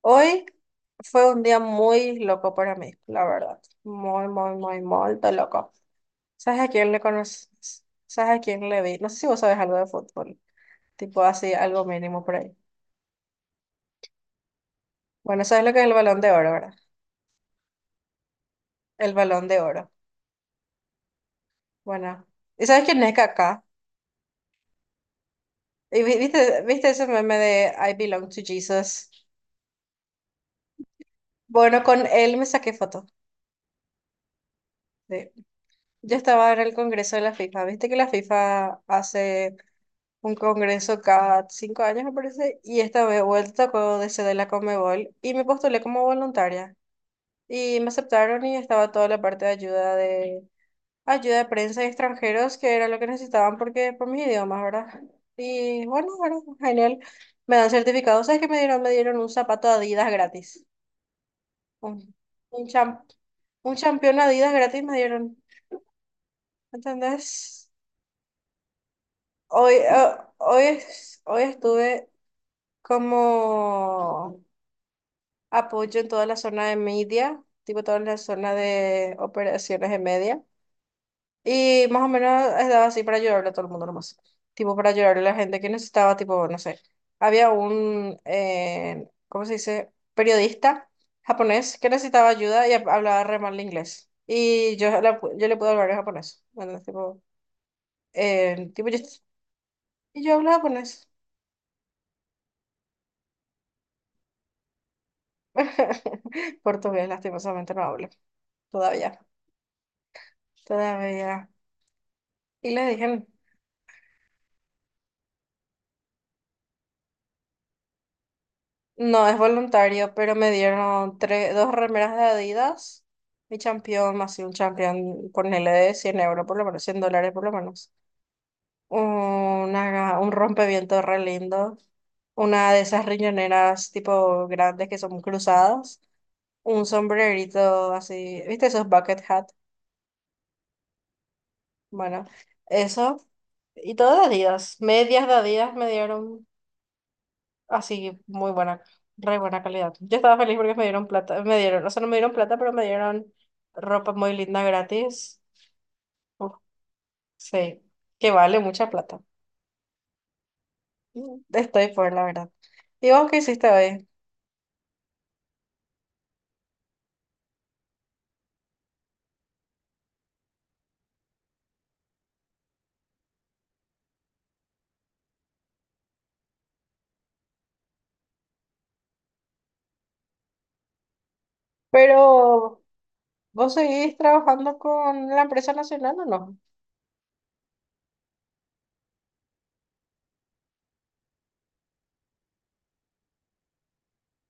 Hoy fue un día muy loco para mí, la verdad. Muy, muy, muy, muy de loco. ¿Sabes a quién le conoces? ¿Sabes a quién le vi? No sé si vos sabes algo de fútbol. Tipo así, algo mínimo por ahí. Bueno, ¿sabes lo que es el Balón de Oro, verdad? El Balón de Oro. Bueno. ¿Y sabes quién es Kaká? ¿Y viste ese meme de I belong to Jesus? Bueno, con él me saqué foto. Sí. Yo estaba en el Congreso de la FIFA. Viste que la FIFA hace un congreso cada 5 años, me parece, y esta vez vuelta con de sede de la Conmebol y me postulé como voluntaria. Y me aceptaron y estaba toda la parte de ayuda de prensa y extranjeros, que era lo que necesitaban porque por mis idiomas, ¿verdad? Y bueno, bueno, genial. Me dan certificados, ¿sabes qué me dieron? Me dieron un zapato Adidas gratis. Un, un champ, un campeón Adidas gratis me dieron. ¿Entendés? Hoy, eh, hoy, hoy estuve como apoyo en toda la zona de media, tipo toda la zona de operaciones de media. Y más o menos estaba así para ayudarle a todo el mundo nomás. Tipo para ayudarle a la gente que necesitaba, tipo, no sé. Había un, ¿cómo se dice? Periodista japonés que necesitaba ayuda y hablaba re mal inglés. Y yo, yo le pude hablar en japonés. Bueno, tipo, tipo yo, y yo hablo japonés. Portugués, lastimosamente, no hablo todavía. Todavía. Y le dije... No, es voluntario, pero me dieron tres, dos remeras de Adidas, mi champión, más un champión, ponele de 100 euros por lo menos, 100 dólares por lo menos. Una, un rompeviento re lindo, una de esas riñoneras tipo grandes que son cruzadas, un sombrerito así, ¿viste esos bucket hat? Bueno, eso, y todo de Adidas, medias de Adidas me dieron. Así, muy buena, re buena calidad. Yo estaba feliz porque me dieron plata, me dieron, o sea, no me dieron plata, pero me dieron ropa muy linda gratis. Uf, sí, que vale mucha plata. Estoy por la verdad. ¿Y vos qué hiciste hoy? Pero, ¿vos seguís trabajando con la empresa nacional o no?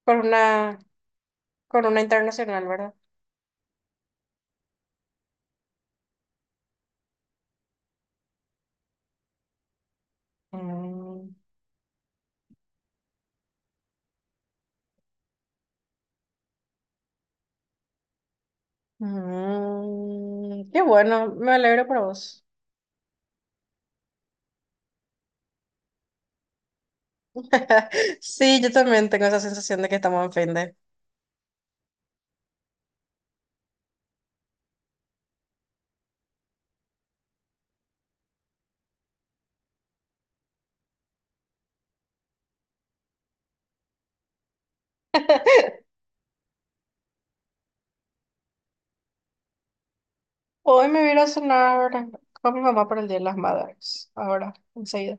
Con una, con una internacional, ¿verdad? Mm, Qué bueno, me alegro por vos. Sí, yo también tengo esa sensación de que estamos en fin de. Hoy me voy a ir a cenar con mi mamá para el Día de las Madres. Ahora, enseguida.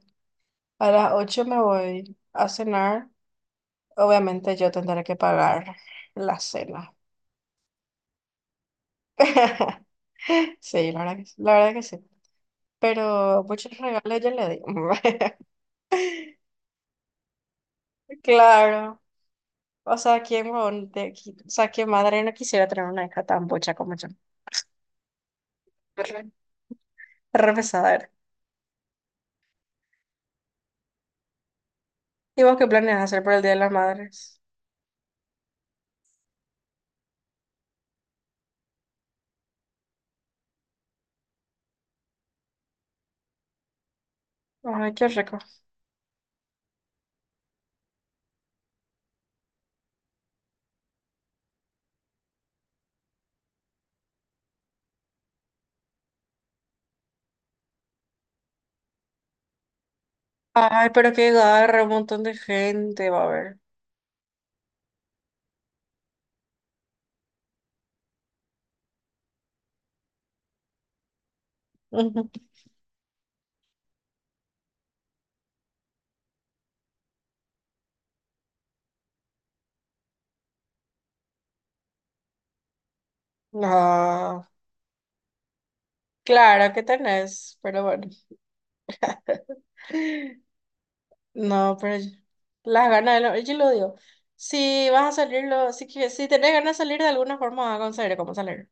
A las 8 me voy a cenar. Obviamente yo tendré que pagar la cena. Sí, la verdad que sí. La verdad que sí. Pero muchos regalos yo le di. Claro. O sea, ¿quién, o sea, qué madre no quisiera tener una hija tan bocha como yo? Re, re pesada era. ¿Y vos qué planeas hacer para el Día de las Madres? Ay, qué rico. Ay, pero qué garra, un montón de gente va a ver. No, claro que tenés, pero bueno. No, pero las ganas, yo lo digo. Si vas a salirlo, si, si tenés ganas de salir de alguna forma, vas a conseguir cómo salir.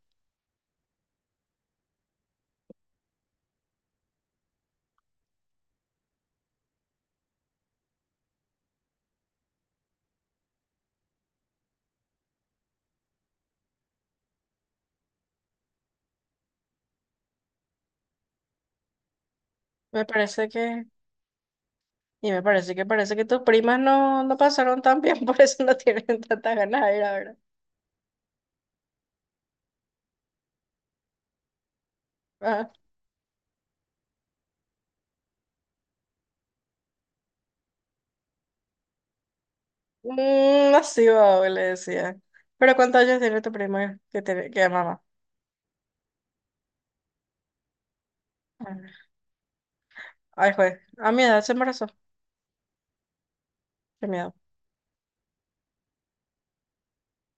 Me parece que, y me parece que tus primas no, no pasaron tan bien, por eso no tienen tantas ganas de ir ahora. Ajá. Mm, así va, le decía. Pero ¿cuántos años tiene tu prima que, que es mamá? Ay, juez, a mi edad se embarazó. Qué miedo,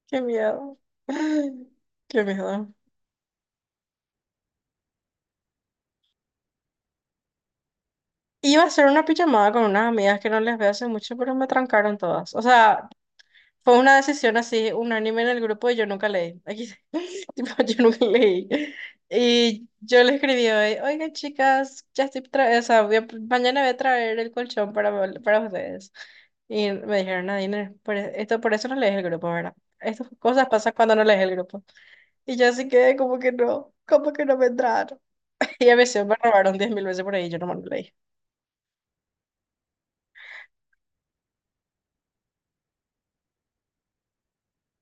qué miedo, qué miedo. Iba a hacer una pijamada con unas amigas que no les veo hace mucho, pero me trancaron todas. O sea, fue una decisión así, unánime en el grupo y yo nunca leí. Aquí, tipo, yo nunca leí. Y yo le escribí hoy, oigan chicas, o sea, mañana voy a traer el colchón para ustedes. Y me dijeron, Nadine, esto, por eso no lees el grupo, ¿verdad? Estas cosas pasan cuando no lees el grupo. Y yo así que como que no me entraron. Y a veces me robaron 10.000 veces por ahí, yo no me leí.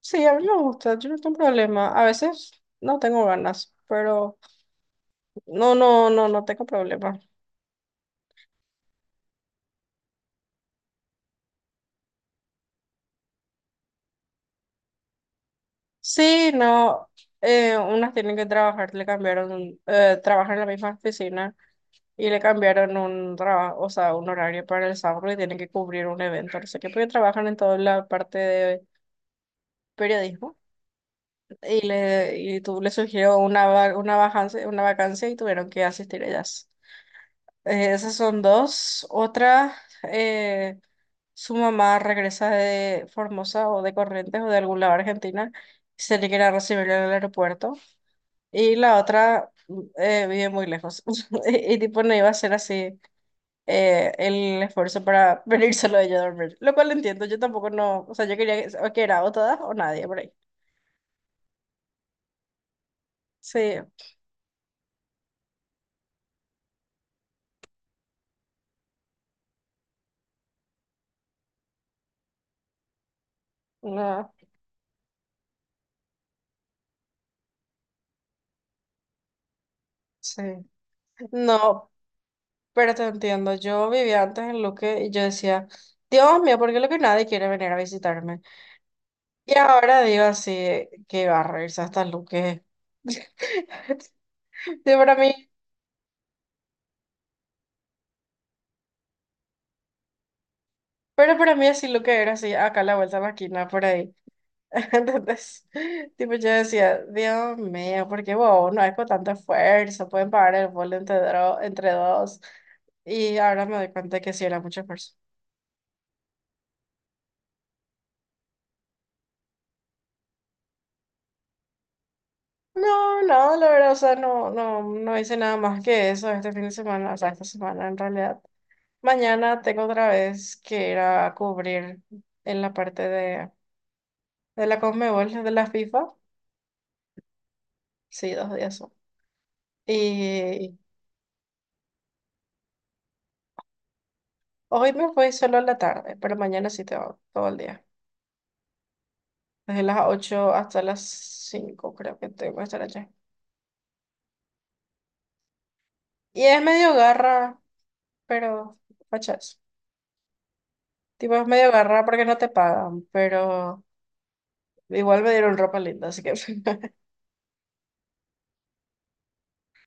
Sí, a mí me gusta, yo no tengo problema. A veces no tengo ganas, pero no, no, no, no tengo problema. Sí, no, unas tienen que trabajar, le cambiaron, trabajan en la misma oficina y le cambiaron un trabajo, o sea, un horario para el sábado y tienen que cubrir un evento, no sé qué, porque trabajan en toda la parte de periodismo. Y, y tú le sugirió una, una vacancia y tuvieron que asistir ellas. Esas son dos. Otra, eh, su mamá regresa de Formosa o de Corrientes o de algún lado de Argentina y se le quiere recibir en el aeropuerto. Y la otra vive muy lejos y tipo no iba a ser así. El esfuerzo para venir solo de ella a dormir, lo cual entiendo, yo tampoco no, o sea, yo quería que, o que era o todas o nadie por ahí. Sí, no, sí. No, pero te entiendo. Yo vivía antes en Luque y yo decía, Dios mío, ¿por qué Luque nadie quiere venir a visitarme? Y ahora digo así, que va a reírse hasta Luque. Sí, para mí, pero para mí así Luque era así, acá a la vuelta de la esquina, por ahí. Entonces, tipo, yo decía, Dios mío, ¿por qué wow, no hay con tanto esfuerzo? Pueden pagar el vuelo entre dos. Y ahora me doy cuenta que sí era mucho esfuerzo. No, no, la verdad, o sea, no, no, no hice nada más que eso este fin de semana, o sea, esta semana en realidad. Mañana tengo otra vez que ir a cubrir en la parte de la Conmebol, de la FIFA. Sí, 2 días son. Y hoy me voy solo a la tarde, pero mañana sí tengo todo el día. Desde las 8 hasta las 5 creo que tengo que estar allá. Y es medio garra, pero fachas. Tipo, es medio garra porque no te pagan, pero igual me dieron ropa linda, así que...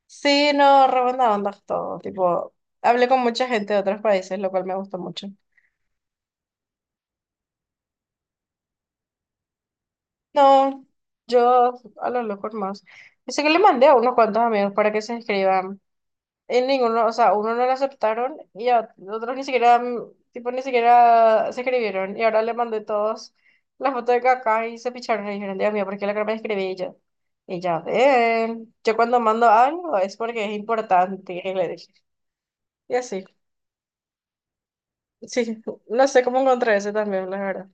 Sí, no, re buena onda todo. Tipo, hablé con mucha gente de otros países, lo cual me gustó mucho. No, yo a lo loco más. Dice que le mandé a unos cuantos amigos para que se inscriban. En ninguno, o sea, uno no lo aceptaron y a otros ni siquiera, tipo, ni siquiera se escribieron. Y ahora le mandé todos las fotos de caca y se picharon y dijeron, Dios mío, ¿por qué la cara me escribí Y yo? Y ya ven. Yo cuando mando algo es porque es importante, le dije. Y así. Sí, no sé cómo encontré ese también, la verdad.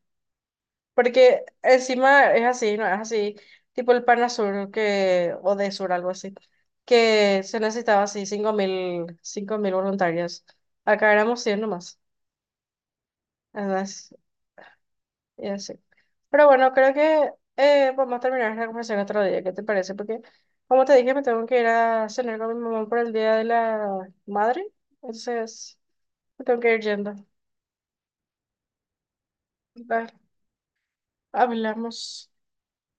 Porque encima es así, ¿no? Es así, tipo el Panasur que, o de Sur, algo así, que se necesitaba así cinco mil voluntarios. Acá éramos 100 nomás. Entonces, y así. Pero bueno, creo que vamos a terminar la conversación otro día, ¿qué te parece? Porque, como te dije, me tengo que ir a cenar con mi mamá por el Día de la Madre. Entonces, me tengo que ir yendo. Dale, hablamos.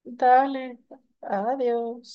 Dale, adiós.